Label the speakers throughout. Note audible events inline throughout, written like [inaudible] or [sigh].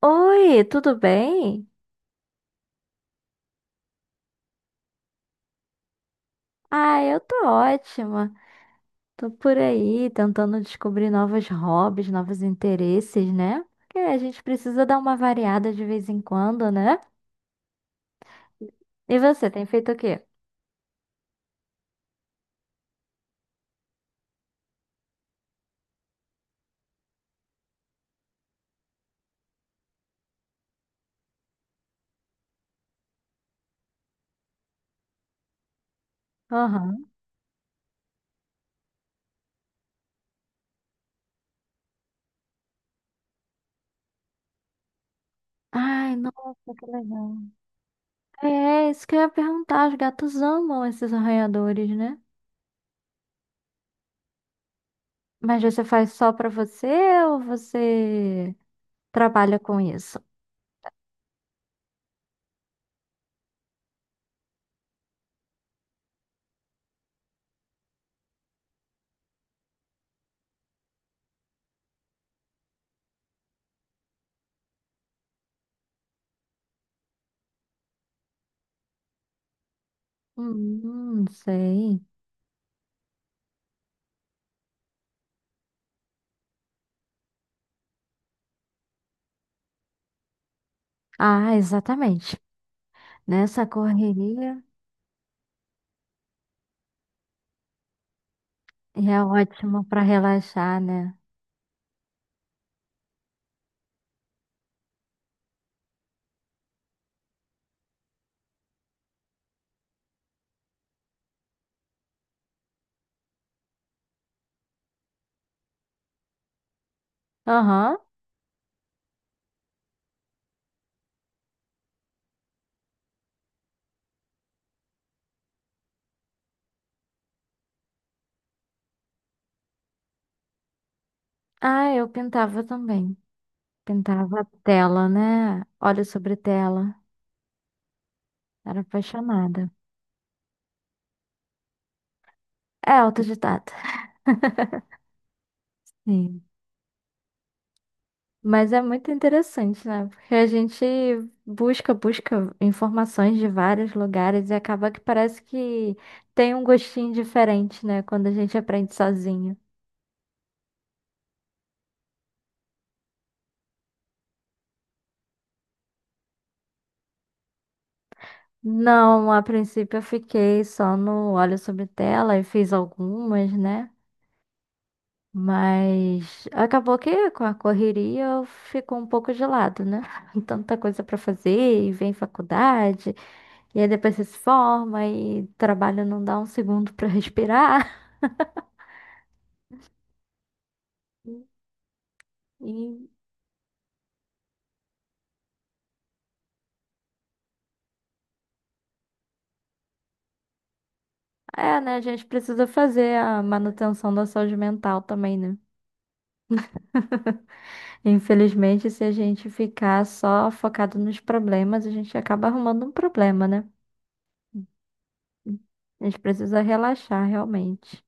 Speaker 1: Oi, tudo bem? Ah, eu tô ótima. Tô por aí tentando descobrir novos hobbies, novos interesses, né? Porque a gente precisa dar uma variada de vez em quando, né? E você, tem feito o quê? Aham. Ai, nossa, que legal. É, isso que eu ia perguntar. Os gatos amam esses arranhadores, né? Mas você faz só pra você ou você trabalha com isso? Sei. Ah, exatamente. Nessa correria. E é ótimo para relaxar, né? Aham. Ah, eu pintava também. Pintava tela, né? Olho sobre tela. Era apaixonada. É autodidata. Sim. Mas é muito interessante, né? Porque a gente busca informações de vários lugares e acaba que parece que tem um gostinho diferente, né? Quando a gente aprende sozinho. Não, a princípio eu fiquei só no olho sobre tela e fiz algumas, né? Mas acabou que com a correria eu fico um pouco de lado, né? [laughs] Tanta coisa para fazer, e vem faculdade, e aí depois você se forma, e trabalho não dá um segundo para respirar. [laughs] E é, né? A gente precisa fazer a manutenção da saúde mental também, né? [laughs] Infelizmente, se a gente ficar só focado nos problemas, a gente acaba arrumando um problema, né? A gente precisa relaxar realmente.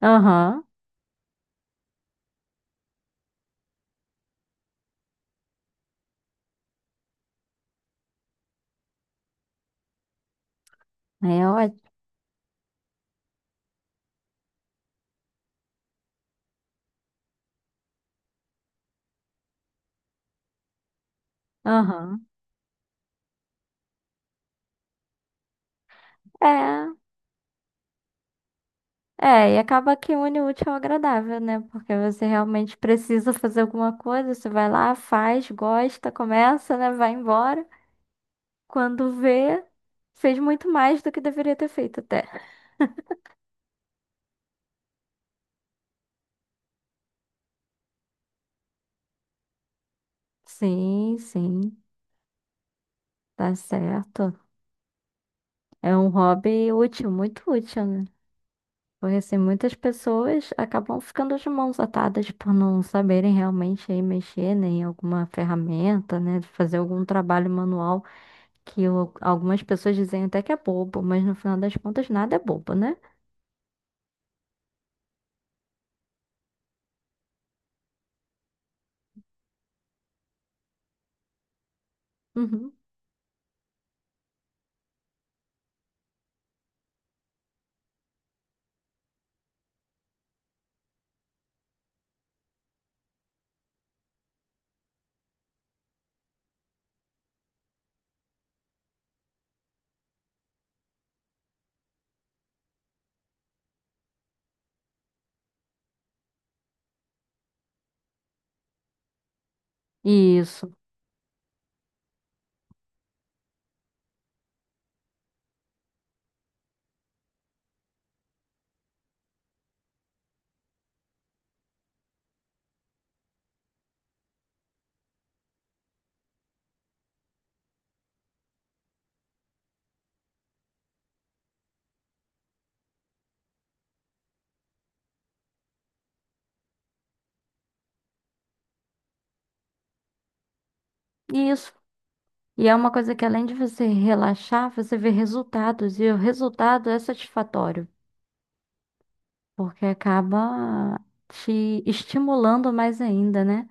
Speaker 1: Aham, é ótimo. É, e acaba que une o útil ao agradável, né? Porque você realmente precisa fazer alguma coisa, você vai lá, faz, gosta, começa, né? Vai embora. Quando vê, fez muito mais do que deveria ter feito até. Sim, sim, tá certo. É um hobby útil, muito útil, né? Porque assim, muitas pessoas acabam ficando de mãos atadas por não saberem realmente aí mexer, né, em alguma ferramenta, né? Fazer algum trabalho manual. Que o- algumas pessoas dizem até que é bobo, mas no final das contas nada é bobo, né? Uhum. Isso, isso. E é uma coisa que além de você relaxar, você vê resultados, e o resultado é satisfatório, porque acaba te estimulando mais ainda, né?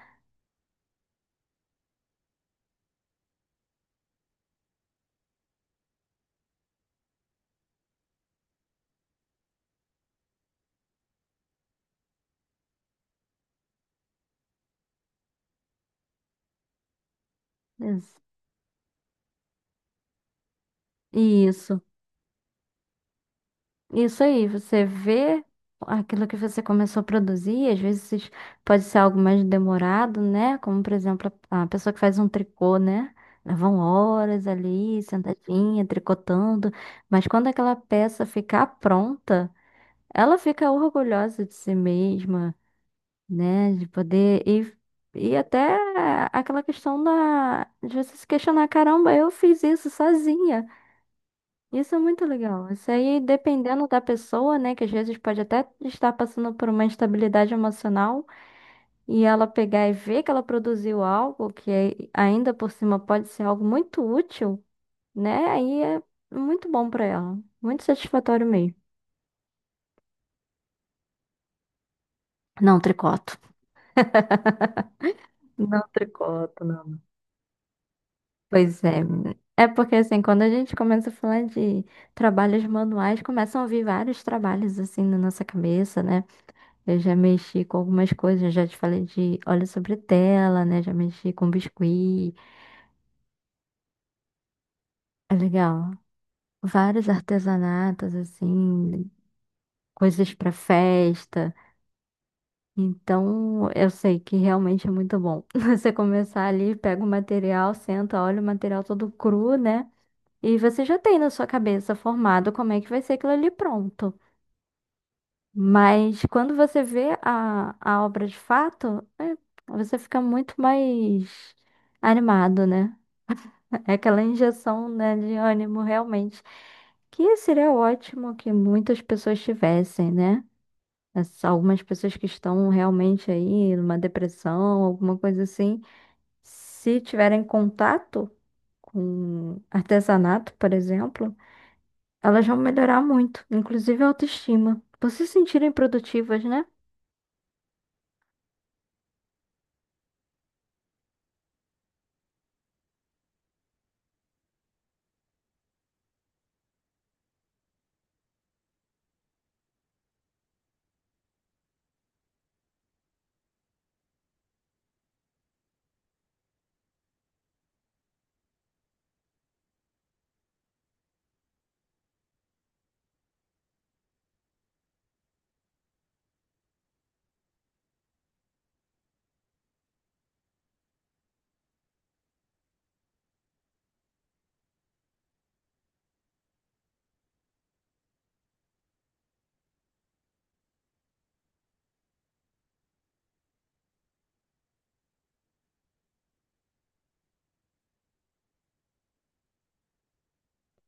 Speaker 1: Ex- Isso. Isso aí, você vê aquilo que você começou a produzir, às vezes pode ser algo mais demorado, né? Como, por exemplo, a pessoa que faz um tricô, né? Levam horas ali, sentadinha, tricotando, mas quando aquela peça ficar pronta, ela fica orgulhosa de si mesma, né? De poder e E até aquela questão da, de você se questionar, caramba, eu fiz isso sozinha. Isso é muito legal. Isso aí, dependendo da pessoa, né, que às vezes pode até estar passando por uma instabilidade emocional e ela pegar e ver que ela produziu algo que é- ainda por cima pode ser algo muito útil, né? Aí é muito bom pra ela. Muito satisfatório mesmo. Não, tricoto. [laughs] Não tricoto, não. Pois é. É porque assim, quando a gente começa a falar de trabalhos manuais, começam a vir vários trabalhos assim na nossa cabeça, né? Eu já mexi com algumas coisas, já te falei de óleo sobre tela, né? Já mexi com biscuit. É legal. Vários artesanatos, assim, coisas para festa. Então, eu sei que realmente é muito bom. [laughs] Você começar ali, pega o material, senta, olha o material todo cru, né? E você já tem na sua cabeça formado como é que vai ser aquilo ali pronto. Mas quando você vê a obra de fato, é, você fica muito mais animado, né? É aquela injeção, né, de ânimo, realmente. Que seria ótimo que muitas pessoas tivessem, né? As- Algumas pessoas que estão realmente aí numa depressão, alguma coisa assim, se tiverem contato com artesanato, por exemplo, elas vão melhorar muito, inclusive a autoestima, por se sentirem produtivas, né?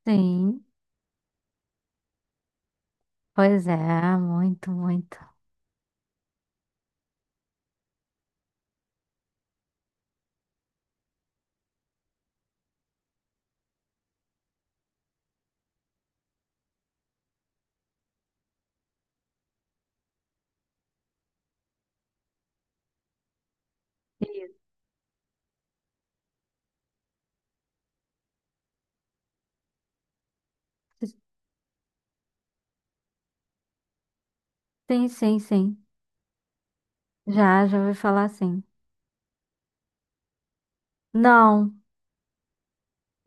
Speaker 1: Sim, pois é, muito, muito. Isso. Sim, sim, sim. Já, já ouvi falar, sim. Não.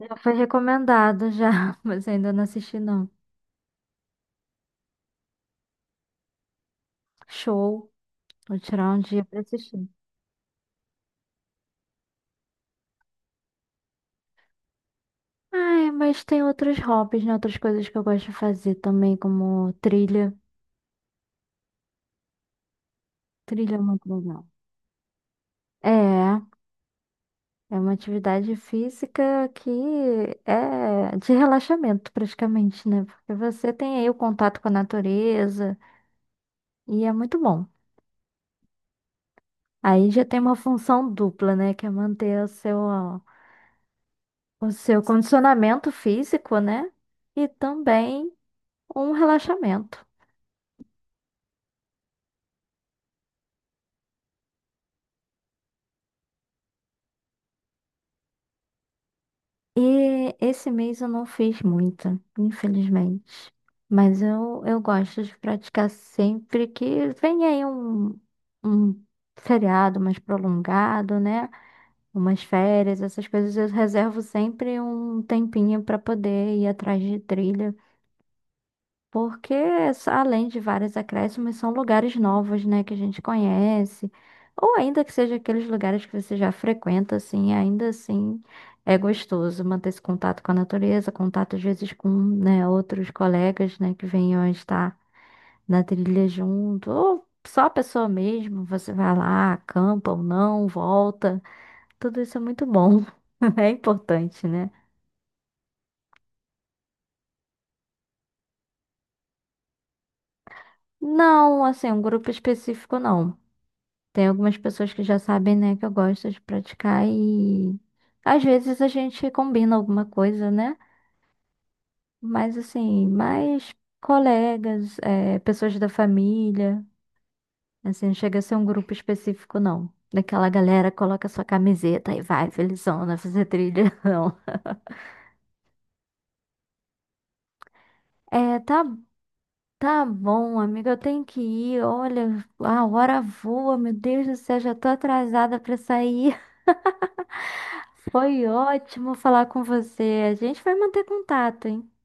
Speaker 1: Já foi recomendado já, [laughs] mas ainda não assisti não. Show. Vou tirar um dia pra assistir. Ai, mas tem outros hobbies, né? Outras coisas que eu gosto de fazer também, como trilha. Trilha é muito legal. É, é uma atividade física que é de relaxamento praticamente, né? Porque você tem aí o contato com a natureza e é muito bom. Aí já tem uma função dupla, né? Que é manter o seu condicionamento físico, né? E também um relaxamento. E esse mês eu não fiz muita, infelizmente. Mas eu gosto de praticar sempre que vem aí um feriado mais prolongado, né? Umas férias, essas coisas, eu reservo sempre um tempinho para poder ir atrás de trilha. Porque, s- além de vários acréscimos, são lugares novos, né, que a gente conhece. Ou ainda que seja aqueles lugares que você já frequenta, assim, ainda assim é gostoso manter esse contato com a natureza, contato às vezes com, né, outros colegas, né, que venham a estar na trilha junto, ou só a pessoa mesmo, você vai lá, acampa ou não, volta. Tudo isso é muito bom. [laughs] É importante, né? Não, assim, um grupo específico não. Tem algumas pessoas que já sabem, né, que eu gosto de praticar e às vezes a gente combina alguma coisa, né? Mas assim, mais colegas, pessoas da família, assim, não chega a ser um grupo específico, não. Daquela galera que coloca sua camiseta e vai, felizona, fazer trilha, [laughs] não. É, tá, tá bom, amiga, eu tenho que ir. Olha, a hora voa, meu Deus do céu, já tô atrasada pra sair. Foi ótimo falar com você. A gente vai manter contato, hein?